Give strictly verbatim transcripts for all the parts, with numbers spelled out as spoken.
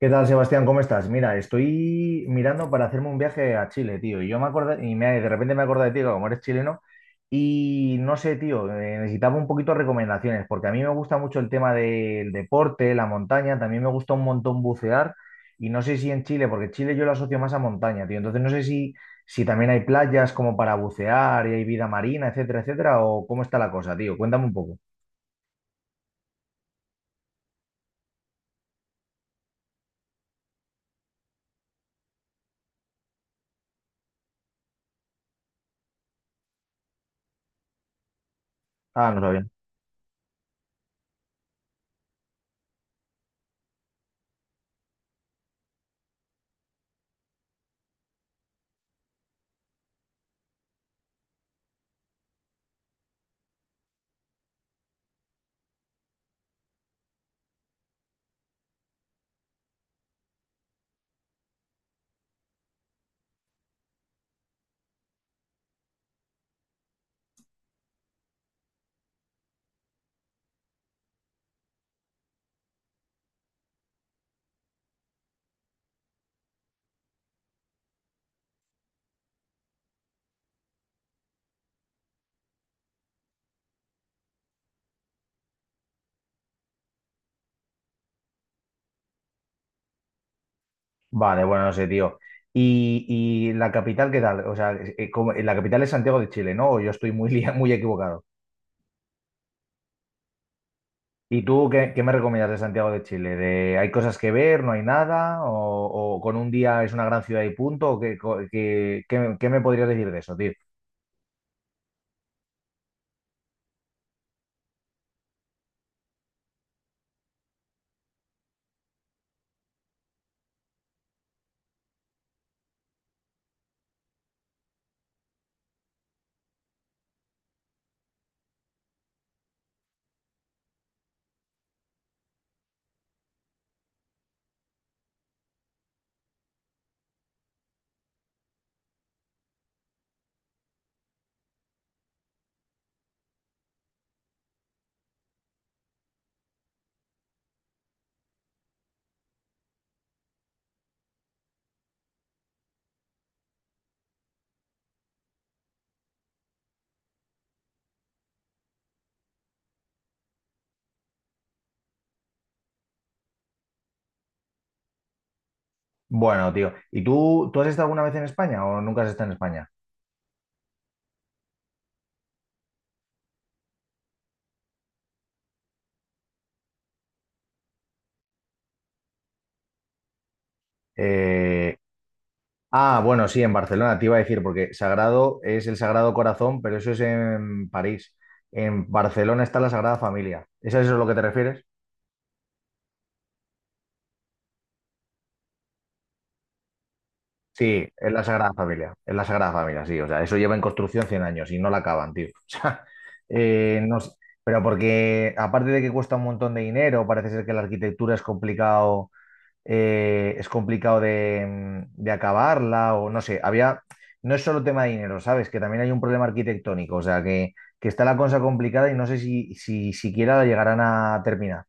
¿Qué tal, Sebastián? ¿Cómo estás? Mira, estoy mirando para hacerme un viaje a Chile, tío. Y yo me acordé, y me- de repente me acordé de ti, que como eres chileno, y no sé, tío, eh, necesitaba un poquito de recomendaciones, porque a mí me gusta mucho el tema del deporte, la montaña, también me gusta un montón bucear, y no sé si en Chile, porque Chile yo lo asocio más a montaña, tío. Entonces no sé si, si también hay playas como para bucear y hay vida marina, etcétera, etcétera, o cómo está la cosa, tío. Cuéntame un poco. Ah, no sabía. Vale, bueno, no sé, tío. ¿Y, ¿Y la capital qué tal? O sea, eh, como- la capital es Santiago de Chile, ¿no? ¿O yo estoy muy, lia- muy equivocado? ¿Y tú qué, qué me recomiendas de Santiago de Chile? ¿De, hay cosas que ver, no hay nada? ¿O, o con un día es una gran ciudad y punto? ¿O qué, co- qué- qué- qué me podrías decir de eso, tío? Bueno, tío. ¿Y tú, tú has estado alguna vez en España o nunca has estado en España? Eh, Ah, bueno, sí, en Barcelona, te iba a decir, porque Sagrado es el Sagrado Corazón, pero eso es en París. En Barcelona está la Sagrada Familia. ¿Es a eso lo que te refieres? Sí, es la Sagrada Familia, es la Sagrada Familia, sí. O sea, eso lleva en construcción cien años y no la acaban, tío. O sea, eh, no sé, pero porque aparte de que cuesta un montón de dinero, parece ser que la arquitectura es complicado eh, es complicado de, de acabarla o no sé, había, no es solo tema de dinero, ¿sabes? Que también hay un problema arquitectónico, o sea, que, que está la cosa complicada y no sé si, si siquiera la llegarán a terminar.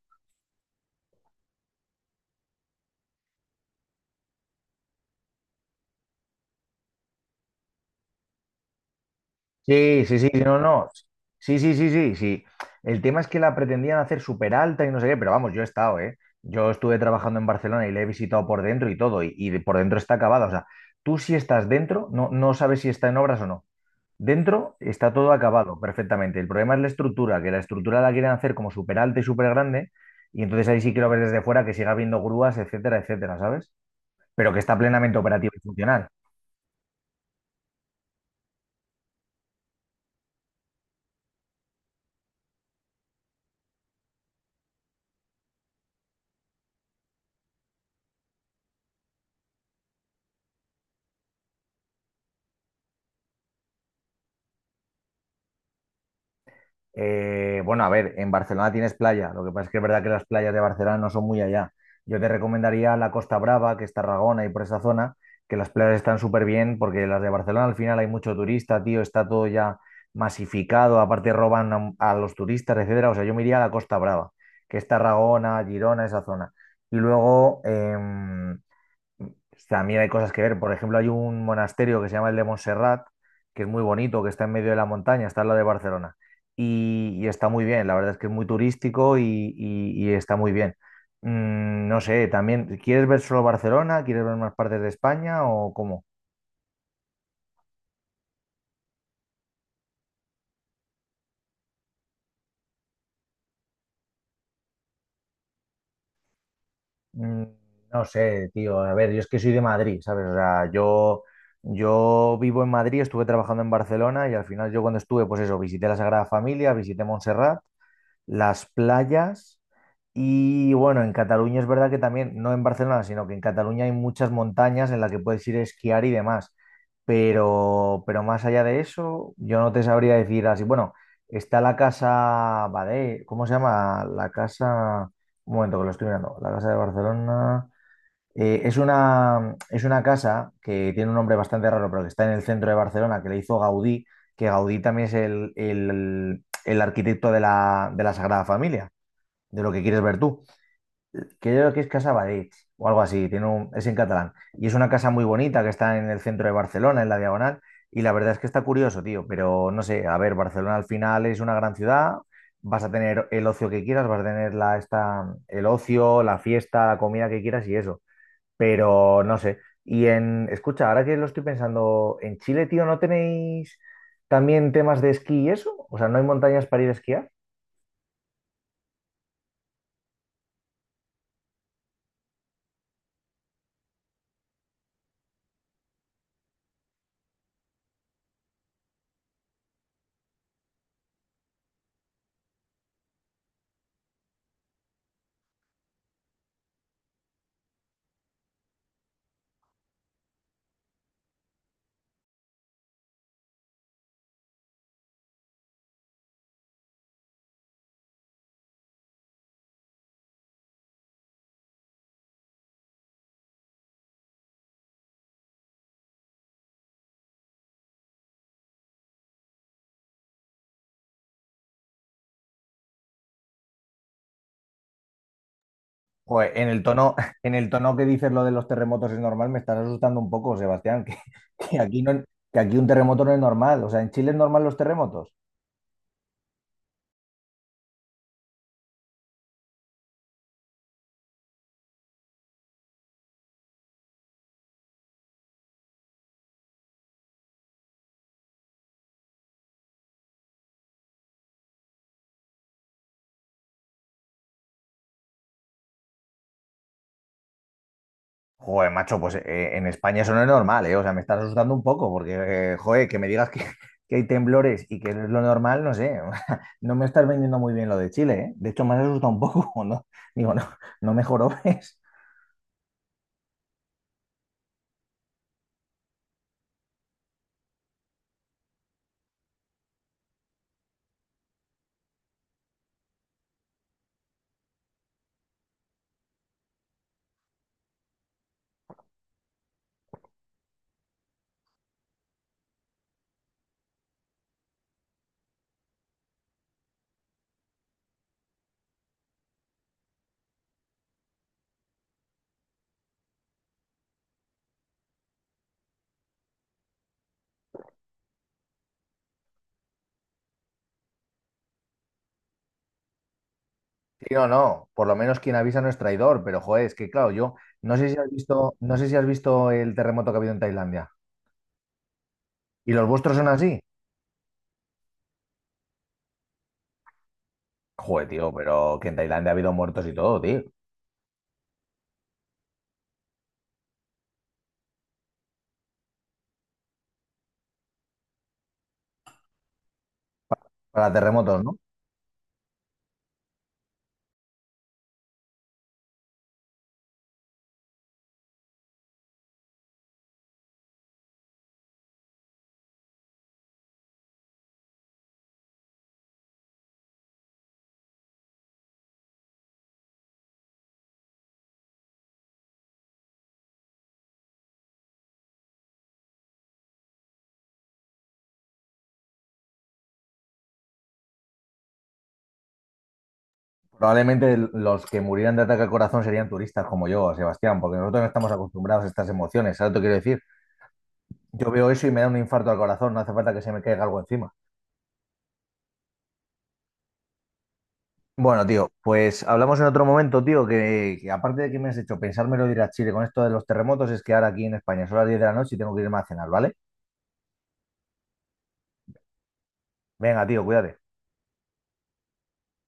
Sí, sí, sí, no, no. Sí, sí, sí, sí, sí. El tema es que la pretendían hacer súper alta y no sé qué, pero vamos, yo he estado, ¿eh? Yo estuve trabajando en Barcelona y la he visitado por dentro y todo, y, y por dentro está acabada. O sea, tú si estás dentro, no, no sabes si está en obras o no. Dentro está todo acabado perfectamente. El problema es la estructura, que la estructura la quieren hacer como súper alta y súper grande, y entonces ahí sí quiero ver desde fuera que siga habiendo grúas, etcétera, etcétera, ¿sabes? Pero que está plenamente operativo y funcional. Eh, bueno, a ver, en Barcelona tienes playa, lo que pasa es que es verdad que las playas de Barcelona no son muy allá. Yo te recomendaría la Costa Brava, que es Tarragona y por esa zona, que las playas están súper bien, porque las de Barcelona al final hay mucho turista, tío, está todo ya masificado, aparte roban a, a los turistas, etcétera. O sea, yo me iría a la Costa Brava, que es Tarragona, Girona, esa zona. Y luego, em, también hay cosas que ver. Por ejemplo, hay un monasterio que se llama el de Montserrat, que es muy bonito, que está en medio de la montaña, está al lado de Barcelona. Y, y está muy bien, la verdad es que es muy turístico y, y- y está muy bien. Mm, no sé, también, ¿quieres ver solo Barcelona? ¿Quieres ver más partes de España o cómo? Mm, no sé, tío. A ver, yo es que soy de Madrid, ¿sabes? O sea, yo, yo vivo en Madrid, estuve trabajando en Barcelona y al final yo cuando estuve, pues eso, visité la Sagrada Familia, visité Montserrat, las playas. Y bueno, en Cataluña es verdad que también, no en Barcelona, sino que en Cataluña hay muchas montañas en las que puedes ir a esquiar y demás. Pero, pero más allá de eso, yo no te sabría decir así. Bueno, está la casa Badé, ¿cómo se llama? La casa. Un momento que lo estoy mirando. La casa de Barcelona. Eh, es una, es una casa que tiene un nombre bastante raro, pero que está en el centro de Barcelona, que le hizo Gaudí, que Gaudí también es el, el- el arquitecto de la, de la Sagrada Familia, de lo que quieres ver tú que yo creo que es Casa Badig o algo así, tiene un- es en catalán. Y es una casa muy bonita que está en el centro de Barcelona, en la Diagonal, y la verdad es que está curioso, tío, pero no sé, a ver, Barcelona al final es una gran ciudad, vas a tener el ocio que quieras, vas a tener la, esta, el ocio, la fiesta, la comida que quieras y eso, pero no sé. Y en, escucha, ahora que lo estoy pensando, en Chile, tío, ¿no tenéis también temas de esquí y eso? O sea, ¿no hay montañas para ir a esquiar? Joder, en el tono, en el tono que dices lo de los terremotos es normal, me estás asustando un poco, Sebastián, que, que aquí no, que aquí un terremoto no es normal. O sea, ¿en Chile es normal los terremotos? Joder, macho, pues eh, en España eso no es normal, ¿eh? O sea, me estás asustando un poco, porque, eh, joder, que me digas que, que hay temblores y que no es lo normal, no sé. No me estás vendiendo muy bien lo de Chile, ¿eh? De hecho, me has asustado un poco, ¿no? Digo, no, no mejoró, ¿ves? Sí, no, no. Por lo menos quien avisa no es traidor, pero joder, es que claro, yo no sé si has visto, no sé si has visto el terremoto que ha habido en Tailandia. ¿Y los vuestros son así? Joder, tío, pero que en Tailandia ha habido muertos y todo, tío. Para terremotos, ¿no? Probablemente los que murieran de ataque al corazón serían turistas como yo, Sebastián, porque nosotros no estamos acostumbrados a estas emociones, ¿sabes lo que quiero decir? Yo veo eso y me da un infarto al corazón, no hace falta que se me caiga algo encima. Bueno, tío, pues hablamos en otro momento, tío, que, que aparte de que me has hecho pensármelo de ir a Chile con esto de los terremotos, es que ahora aquí en España son las diez de la noche y tengo que irme a cenar, ¿vale? Venga, tío, cuídate.